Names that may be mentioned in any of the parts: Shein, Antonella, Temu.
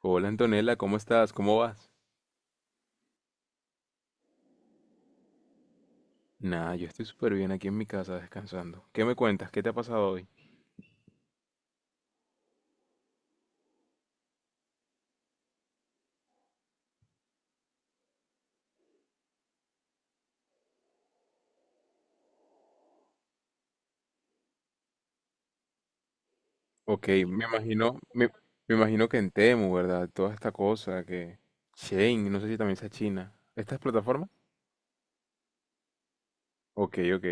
Hola Antonella, ¿cómo estás? ¿Cómo vas? Nada, yo estoy súper bien aquí en mi casa descansando. ¿Qué me cuentas? ¿Qué te ha pasado hoy? Ok, me imagino que en Temu, ¿verdad? Toda esta cosa que... Shane, no sé si también sea China. ¿Estas plataformas? Ok, ok.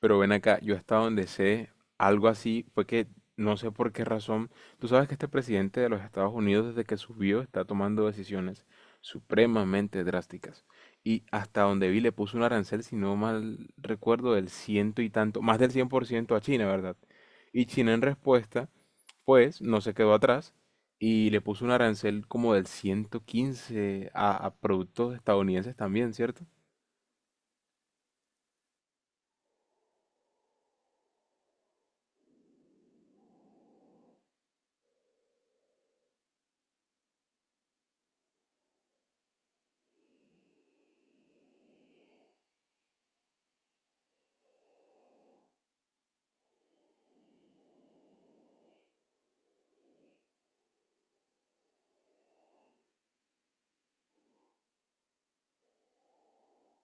Pero ven acá, yo hasta donde sé, algo así fue que no sé por qué razón. Tú sabes que este presidente de los Estados Unidos desde que subió está tomando decisiones supremamente drásticas. Y hasta donde vi le puso un arancel, si no mal recuerdo, del ciento y tanto, más del 100% a China, ¿verdad? Y China en respuesta, pues, no se quedó atrás y le puso un arancel como del 115 a productos estadounidenses también, ¿cierto?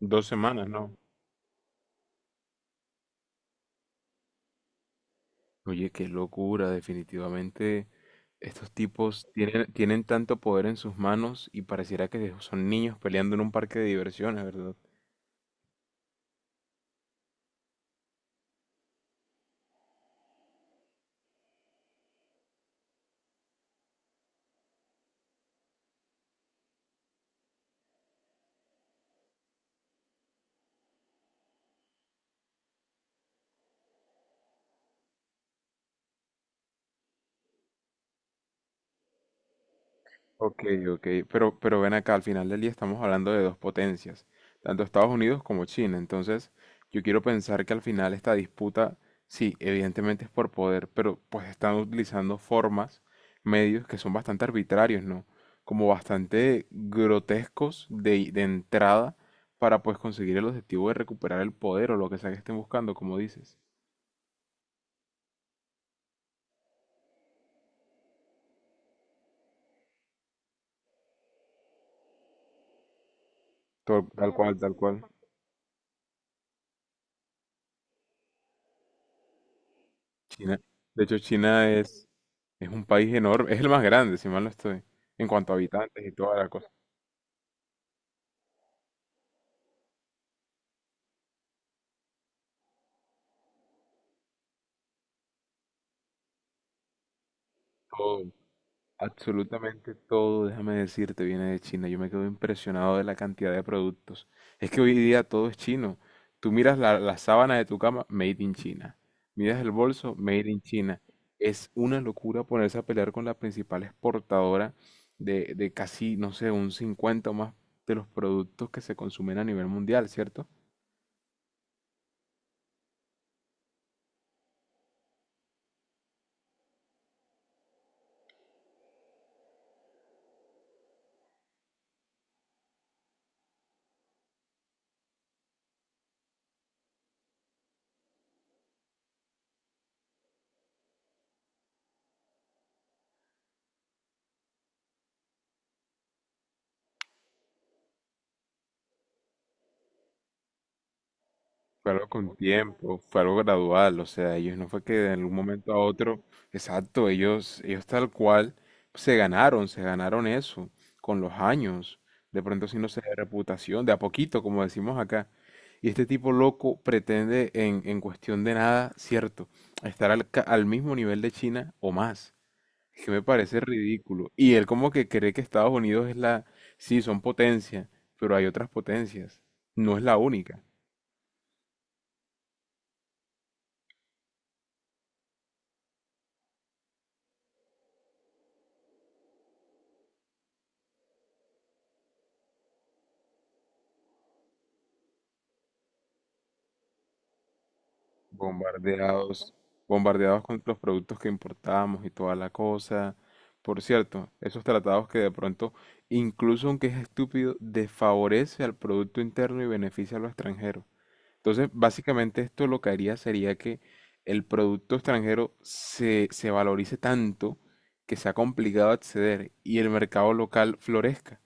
Dos semanas, ¿no? Oye, qué locura, definitivamente estos tipos tienen tanto poder en sus manos y pareciera que son niños peleando en un parque de diversiones, ¿verdad? Ok, ok, pero ven acá, al final del día estamos hablando de dos potencias, tanto Estados Unidos como China, entonces yo quiero pensar que al final esta disputa, sí, evidentemente es por poder, pero pues están utilizando formas, medios que son bastante arbitrarios, ¿no? Como bastante grotescos de entrada para pues conseguir el objetivo de recuperar el poder o lo que sea que estén buscando, como dices. Tal, tal cual, tal cual. China, de hecho, China es... Es un país enorme, es el más grande, si mal no estoy, en cuanto a habitantes y toda la cosa. Todo, absolutamente todo, déjame decirte, viene de China. Yo me quedo impresionado de la cantidad de productos. Es que hoy día todo es chino. Tú miras la sábana de tu cama, made in China. Miras el bolso, made in China. Es una locura ponerse a pelear con la principal exportadora de casi, no sé, un 50 o más de los productos que se consumen a nivel mundial, ¿cierto? Fue algo con tiempo, fue algo gradual, o sea, ellos no fue que de algún momento a otro, exacto, ellos tal cual se ganaron eso con los años, de pronto si no de reputación, de a poquito, como decimos acá. Y este tipo loco pretende en cuestión de nada, cierto, estar al, ca- al mismo nivel de China o más, que me parece ridículo. Y él como que cree que Estados Unidos es la, sí, son potencia, pero hay otras potencias, no es la única. Bombardeados, bombardeados con los productos que importábamos y toda la cosa. Por cierto, esos tratados que de pronto, incluso aunque es estúpido, desfavorece al producto interno y beneficia a lo extranjero. Entonces, básicamente esto lo que haría sería que el producto extranjero se valorice tanto que sea complicado acceder y el mercado local florezca.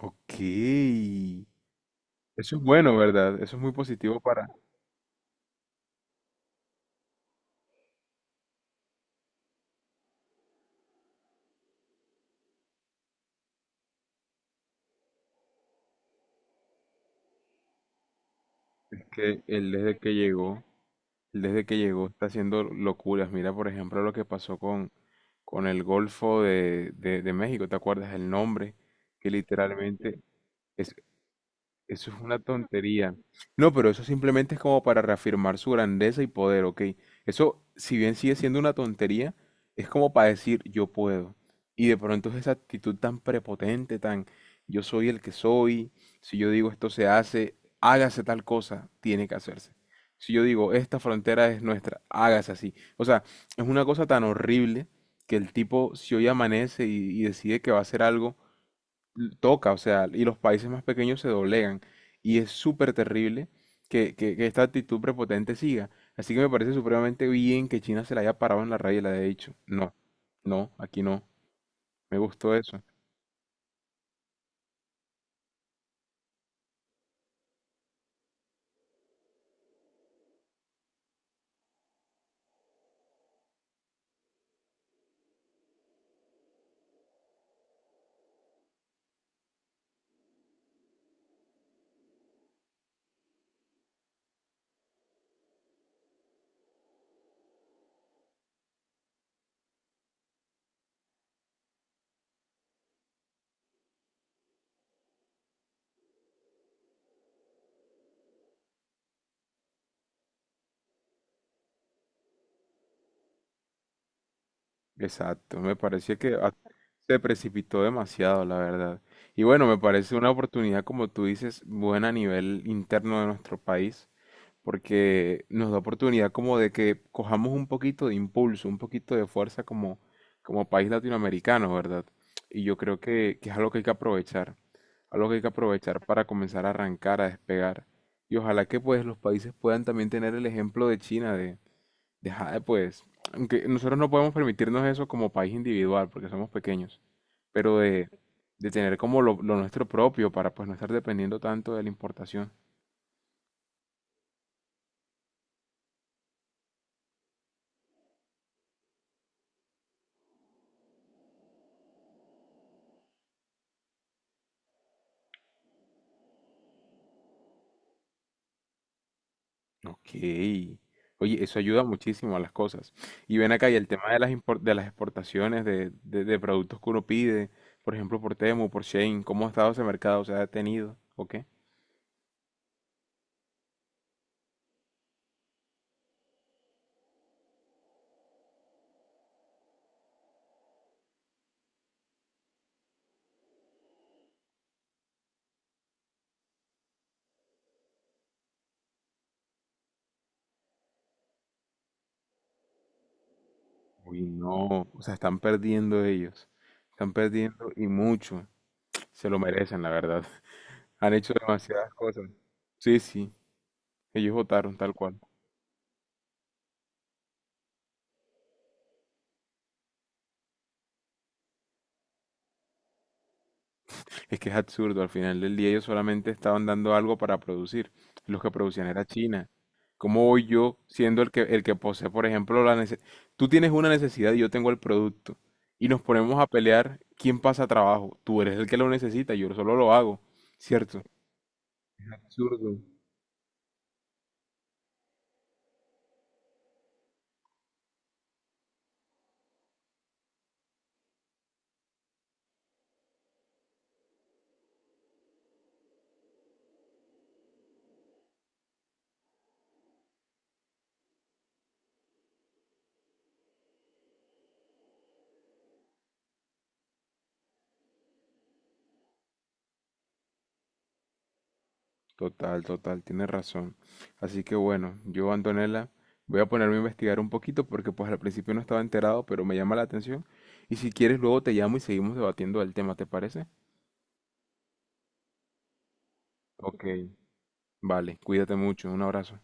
Ok. Eso es bueno, ¿verdad? Eso es muy positivo para que él desde que llegó. Desde que llegó está haciendo locuras. Mira, por ejemplo, lo que pasó con el Golfo de México. ¿Te acuerdas el nombre? Que literalmente es, eso es una tontería. No, pero eso simplemente es como para reafirmar su grandeza y poder, ¿ok? Eso, si bien sigue siendo una tontería, es como para decir yo puedo. Y de pronto es esa actitud tan prepotente, tan yo soy el que soy, si yo digo esto se hace, hágase tal cosa, tiene que hacerse. Si yo digo esta frontera es nuestra, hágase así. O sea, es una cosa tan horrible que el tipo, si hoy amanece y decide que va a hacer algo, toca, o sea, y los países más pequeños se doblegan. Y es súper terrible que esta actitud prepotente siga. Así que me parece supremamente bien que China se la haya parado en la raya y le haya dicho, no, no, aquí no. Me gustó eso. Exacto, me parecía que a- se precipitó demasiado, la verdad. Y bueno, me parece una oportunidad, como tú dices, buena a nivel interno de nuestro país porque nos da oportunidad como de que cojamos un poquito de impulso, un poquito de fuerza como, como país latinoamericano, ¿verdad? Y yo creo que es algo que hay que aprovechar, algo que hay que aprovechar para comenzar a arrancar, a despegar. Y ojalá que pues los países puedan también tener el ejemplo de China, de "Jade, pues, aunque nosotros no podemos permitirnos eso como país individual, porque somos pequeños, pero de tener como lo nuestro propio para pues no estar dependiendo tanto de la importación. Ok. Oye, eso ayuda muchísimo a las cosas. Y ven acá, y el tema de las impor- de las exportaciones de productos que uno pide, por ejemplo, por Temu, por Shein, ¿cómo ha estado ese mercado? ¿Se ha detenido? ¿O qué? Uy, no, o sea, están perdiendo ellos. Están perdiendo y mucho. Se lo merecen, la verdad. Han hecho demasiadas cosas. Sí, sí, ellos votaron tal cual. Es que es absurdo, al final del día ellos solamente estaban dando algo para producir. Los que producían era China. ¿Cómo voy yo siendo el que posee, por ejemplo, la necesidad? Tú tienes una necesidad y yo tengo el producto. Y nos ponemos a pelear quién pasa trabajo. Tú eres el que lo necesita, yo solo lo hago. ¿Cierto? Total, total, tienes razón. Así que bueno, yo, Antonella, voy a ponerme a investigar un poquito porque pues al principio no estaba enterado, pero me llama la atención. Y si quieres, luego te llamo y seguimos debatiendo el tema, ¿te parece? Ok, vale, cuídate mucho, un abrazo.